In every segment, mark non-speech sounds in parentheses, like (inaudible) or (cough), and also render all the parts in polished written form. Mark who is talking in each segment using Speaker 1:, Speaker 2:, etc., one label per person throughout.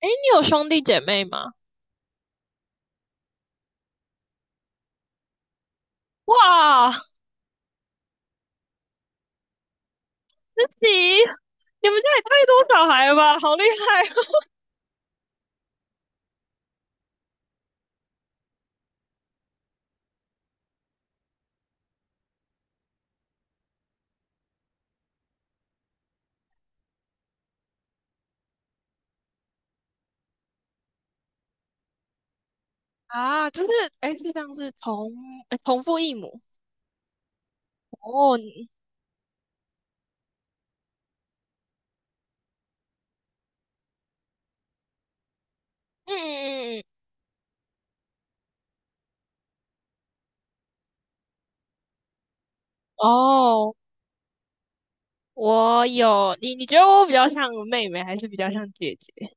Speaker 1: 哎，你有兄弟姐妹吗？哇，自己，你们家也太多小孩了吧，好厉害哦。啊！就是，哎，是这样是同，哎同父异母。哦，你嗯嗯嗯嗯，哦，我有，你觉得我比较像妹妹，还是比较像姐姐？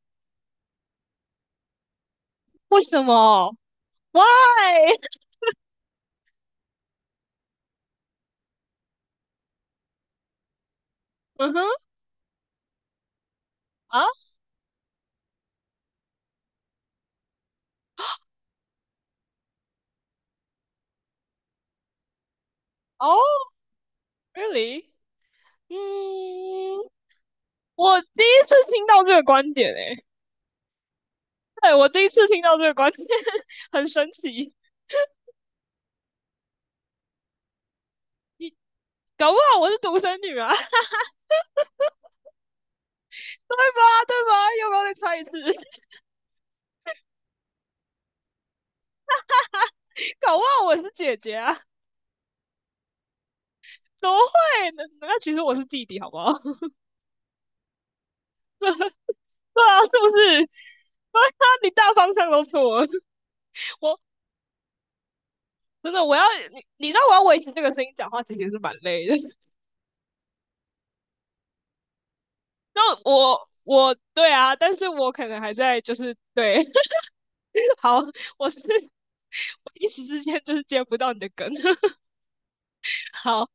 Speaker 1: 为什么？Why？(laughs) 嗯哼，啊，哦，really？嗯，我第一次听到这个观点，诶，对，我第一次听到这个观点，(laughs) 很神奇。搞不好我是独生女啊，(laughs) 对吧？对吧？要不要再猜一次？(laughs) 搞不好我是姐姐啊，怎么会？那那其实我是弟弟，好不好？(laughs) 对啊，是不是？(laughs) 啊，你大方向都错了，我。真的，我要你，你知道我要维持这个声音讲话，其实是蛮累的。(laughs) 那我对啊，但是我可能还在就是对，(laughs) 好，我是我一时之间就是接不到你的梗。(laughs) 好，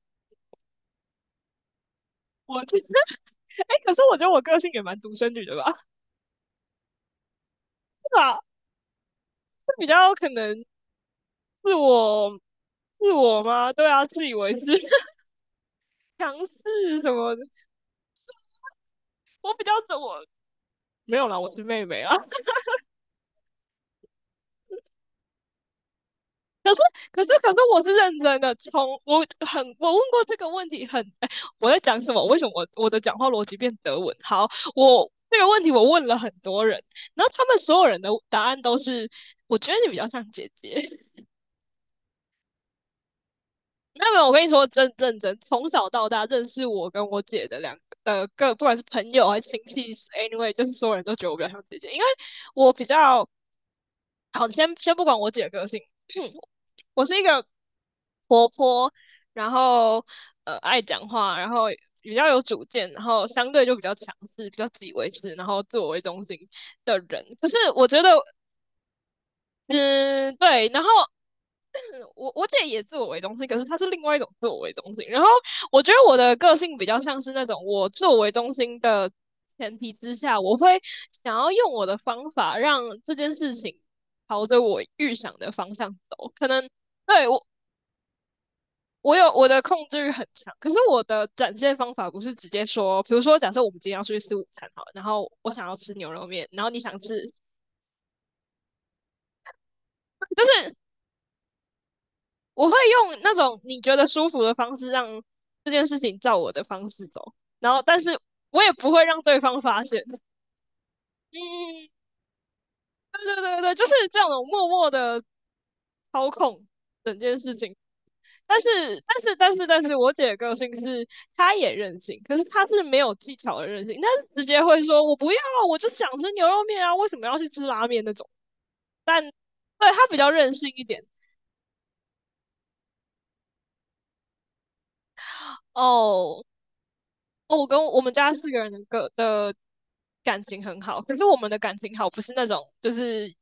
Speaker 1: 我觉哎，欸可是我觉得我个性也蛮独生女的吧，对吧？是比较可能是我是我吗？对啊，自以为是 (laughs) 强势什么的。我比较怎我没有啦，我是妹妹啊。(laughs) 可是可是我是认真的，从我很我问过这个问题很，哎，我在讲什么？为什么我的讲话逻辑变德文？好，我这个问题我问了很多人，然后他们所有人的答案都是，我觉得你比较像姐姐。没有没有，我跟你说，真认真，从小到大认识我跟我姐的两个各，不管是朋友还是亲戚，anyway，就是所有人都觉得我比较像姐姐，因为我比较好，先先不管我姐的个性，(clears throat) 我是一个活泼，然后爱讲话，然后比较有主见，然后相对就比较强势，比较自以为是，然后自我为中心的人。可是我觉得，嗯，对，然后我姐也自我为中心，可是她是另外一种自我为中心。然后我觉得我的个性比较像是那种我自我为中心的前提之下，我会想要用我的方法让这件事情朝着我预想的方向走。可能对我我有我的控制欲很强，可是我的展现方法不是直接说，比如说假设我们今天要出去吃午餐好了然后我想要吃牛肉面，然后你想吃，就是我会用那种你觉得舒服的方式让这件事情照我的方式走，然后但是我也不会让对方发现。(laughs) 嗯，对对对对，就是这种默默的操控整件事情。但是，我姐的个性是她也任性，可是她是没有技巧的任性，她是直接会说我不要啊，我就想吃牛肉面啊，为什么要去吃拉面那种？但对她比较任性一点。哦，哦，我跟我们家四个人的个的感情很好，可是我们的感情好不是那种，就是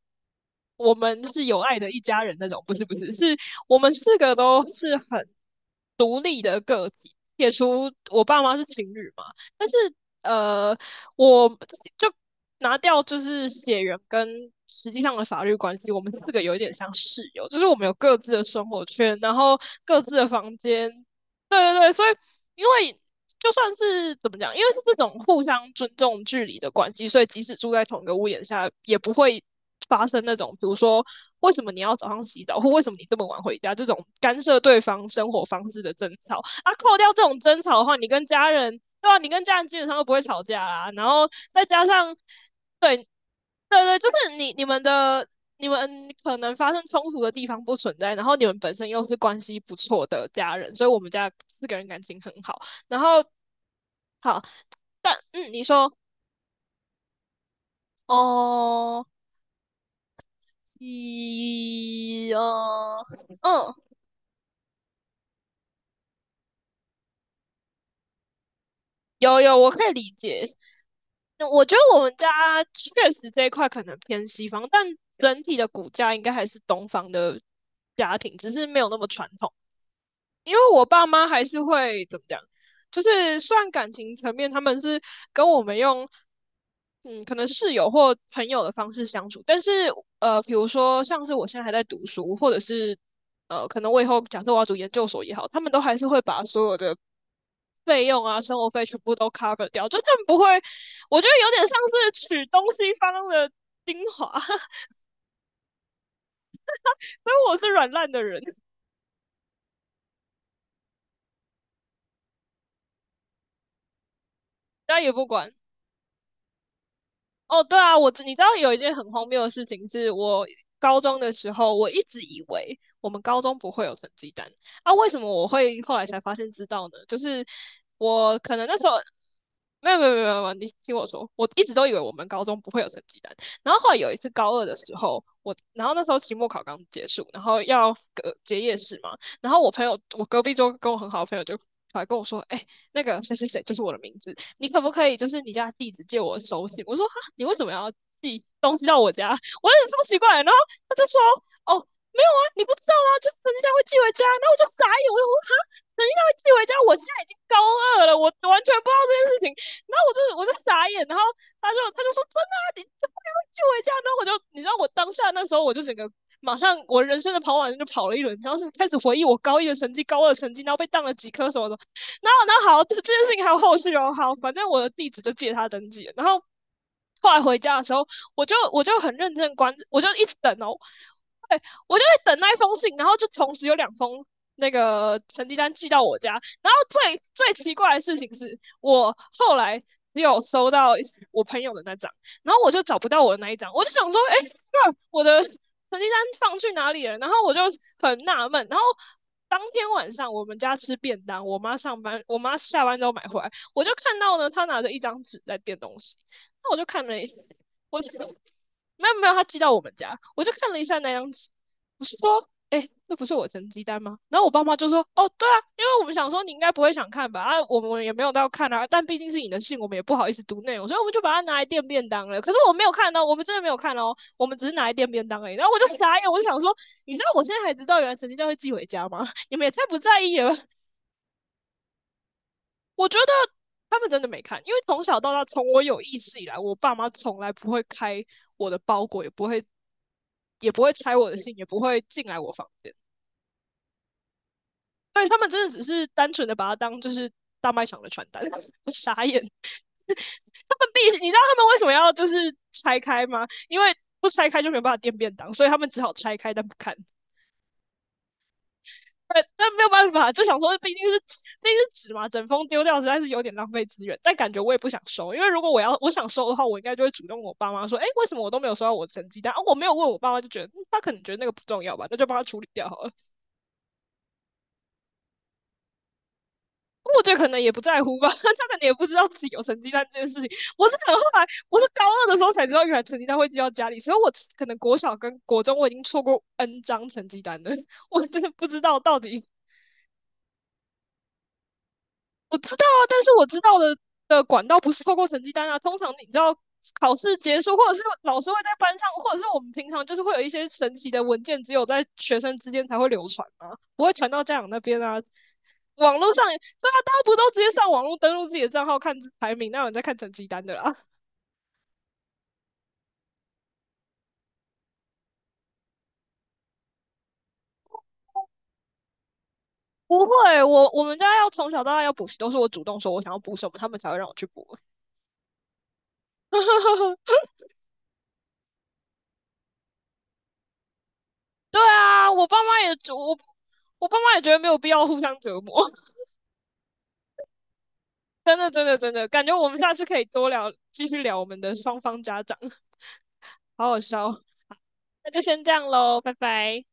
Speaker 1: 我们是有爱的一家人那种，不是不是，是我们四个都是很撇除我爸妈是情侣嘛，但是呃，我就拿掉就是血缘跟实际上的法律关系，我们四个有一点像室友，就是我们有各自的生活圈，然后各自的房间，对对对，所以因为就算是怎么讲，因为是这种互相尊重距离的关系，所以即使住在同一个屋檐下，也不会发生那种，比如说为什么你要早上洗澡，或为什么你这么晚回家这种干涉对方生活方式的争吵。啊，扣掉这种争吵的话，你跟家人，对吧、啊你跟家人基本上都不会吵架啦。然后再加上，对，对对，就是你你们的。你们可能发生冲突的地方不存在，然后你们本身又是关系不错的家人，所以我们家四个人感情很好。然后好，嗯，你说，哦，一，哦，嗯，有有，我可以理解。那我觉得我们家确实这一块可能偏西方，但整体的骨架应该还是东方的家庭，只是没有那么传统。因为我爸妈还是会怎么讲，就是虽然感情层面他们是跟我们用，嗯，可能室友或朋友的方式相处，但是比如说像是我现在还在读书，或者是可能我以后假设我要读研究所也好，他们都还是会把所有的费用啊、生活费全部都 cover 掉，就他们不会，我觉得有点像是取东西方的精华，(laughs) 所以我是软烂的人，大家也不管。哦，对啊，我知你知道有一件很荒谬的事情，是我高中的时候，我一直以为我们高中不会有成绩单啊，为什么我会后来才发现知道呢？就是我可能那时候没有，你听我说，我一直都以为我们高中不会有成绩单，然后后来有一次高二的时候，我然后那时候期末考刚结束，然后要隔结业式嘛，然后我朋友我隔壁桌跟我很好的朋友就。来跟我说，哎、那个谁谁谁就是我的名字，你可不可以就是你家地址借我手写？我说你为什么要寄？(laughs) 我有点超奇怪。然后他就说，哦，没有啊，你不知道吗？就成绩单会寄回家。然后我就傻眼，我就说哈，成绩单会寄回家？我现在已经高二了，我完全不知道这件事情。然后我就傻眼，然后他就说真的啊，你怎不该会寄回家。然后我就你知道我当下那时候我就整个。马上，我人生的跑马灯就跑了一轮，然后是开始回忆我高一的成绩、高二的成绩，然后被当了几科什么的。然后，然后好，这这件事情还有后续哦。好，反正我的地址就借他登记了然后 (laughs) 后来回家的时候，我就很认真关，我就一直等哦，对，我就会等那一封信，然后就同时有两封那个成绩单寄到我家。然后最最奇怪的事情是我后来只有收到我朋友的那张，然后我就找不到我的那一张，我就想说，哎，(laughs) 欸那我的成绩单放去哪里了？然后我就很纳闷。然后当天晚上我们家吃便当，我妈上班，我妈下班之后买回来，我就看到呢，她拿着一张纸在垫东西。那我就看了我就没有没有，他寄到我们家，我就看了一下那张纸，我是说，哎、那不是我成绩单吗？然后我爸妈就说，哦，对啊，因为我们想说你应该不会想看吧，啊，我们也没有到看啊，但毕竟是你的信，我们也不好意思读内容，所以我们就把它拿来垫便当了。可是我没有看哦，我们真的没有看哦，我们只是拿来垫便当而已。然后我就 (laughs) 傻眼，我就想说，你知道我现在才知道原来成绩单会寄回家吗？(laughs) 你们也太不在意了我觉得他们真的没看，因为从小到大，从我有意识以来，我爸妈从来不会开我的包裹，也不会拆我的信，也不会进来我房间。对他们真的只是单纯的把它当就是大卖场的传单，(laughs) 我傻眼。(laughs) 他们必须，你知道他们为什么要就是拆开吗？因为不拆开就没有办法垫便当，所以他们只好拆开但不看。对，但没有办法，就想说毕竟是纸嘛，整封丢掉实在是有点浪费资源。但感觉我也不想收，因为如果我要我想收的话，我应该就会主动我爸妈说，哎、欸为什么我都没有收到我的成绩单？啊，我没有问我爸妈，就觉得、嗯他可能觉得那个不重要吧，那就帮他处理掉好了。我觉得可能也不在乎吧，(laughs) 他可能也不知道自己有成绩单这件事情。我是很后来，我是高二的时候才知道，原来成绩单会寄到家里，所以我可能国小跟国中我已经错过 N 张成绩单了，(laughs) 我真的不知道到底我知道啊，但是我知道的的管道不是透过成绩单啊。通常你知道考试结束，或者是老师会在班上，或者是我们平常就是会有一些神奇的文件，只有在学生之间才会流传嘛，不会传到家长那边啊。网络上也，对啊，大家不都直接上网络登录自己的账号看排名，那有人在看成绩单的啦？不会，我我们家要从小到大要补习，都是我主动说我想要补什么，他们才会让我去补。(laughs) 对啊，我爸妈也觉得没有必要互相折磨。(laughs) 真的，感觉我们下次可以多聊，继续聊我们的双方家长，好好笑哦。那就先这样喽，拜拜。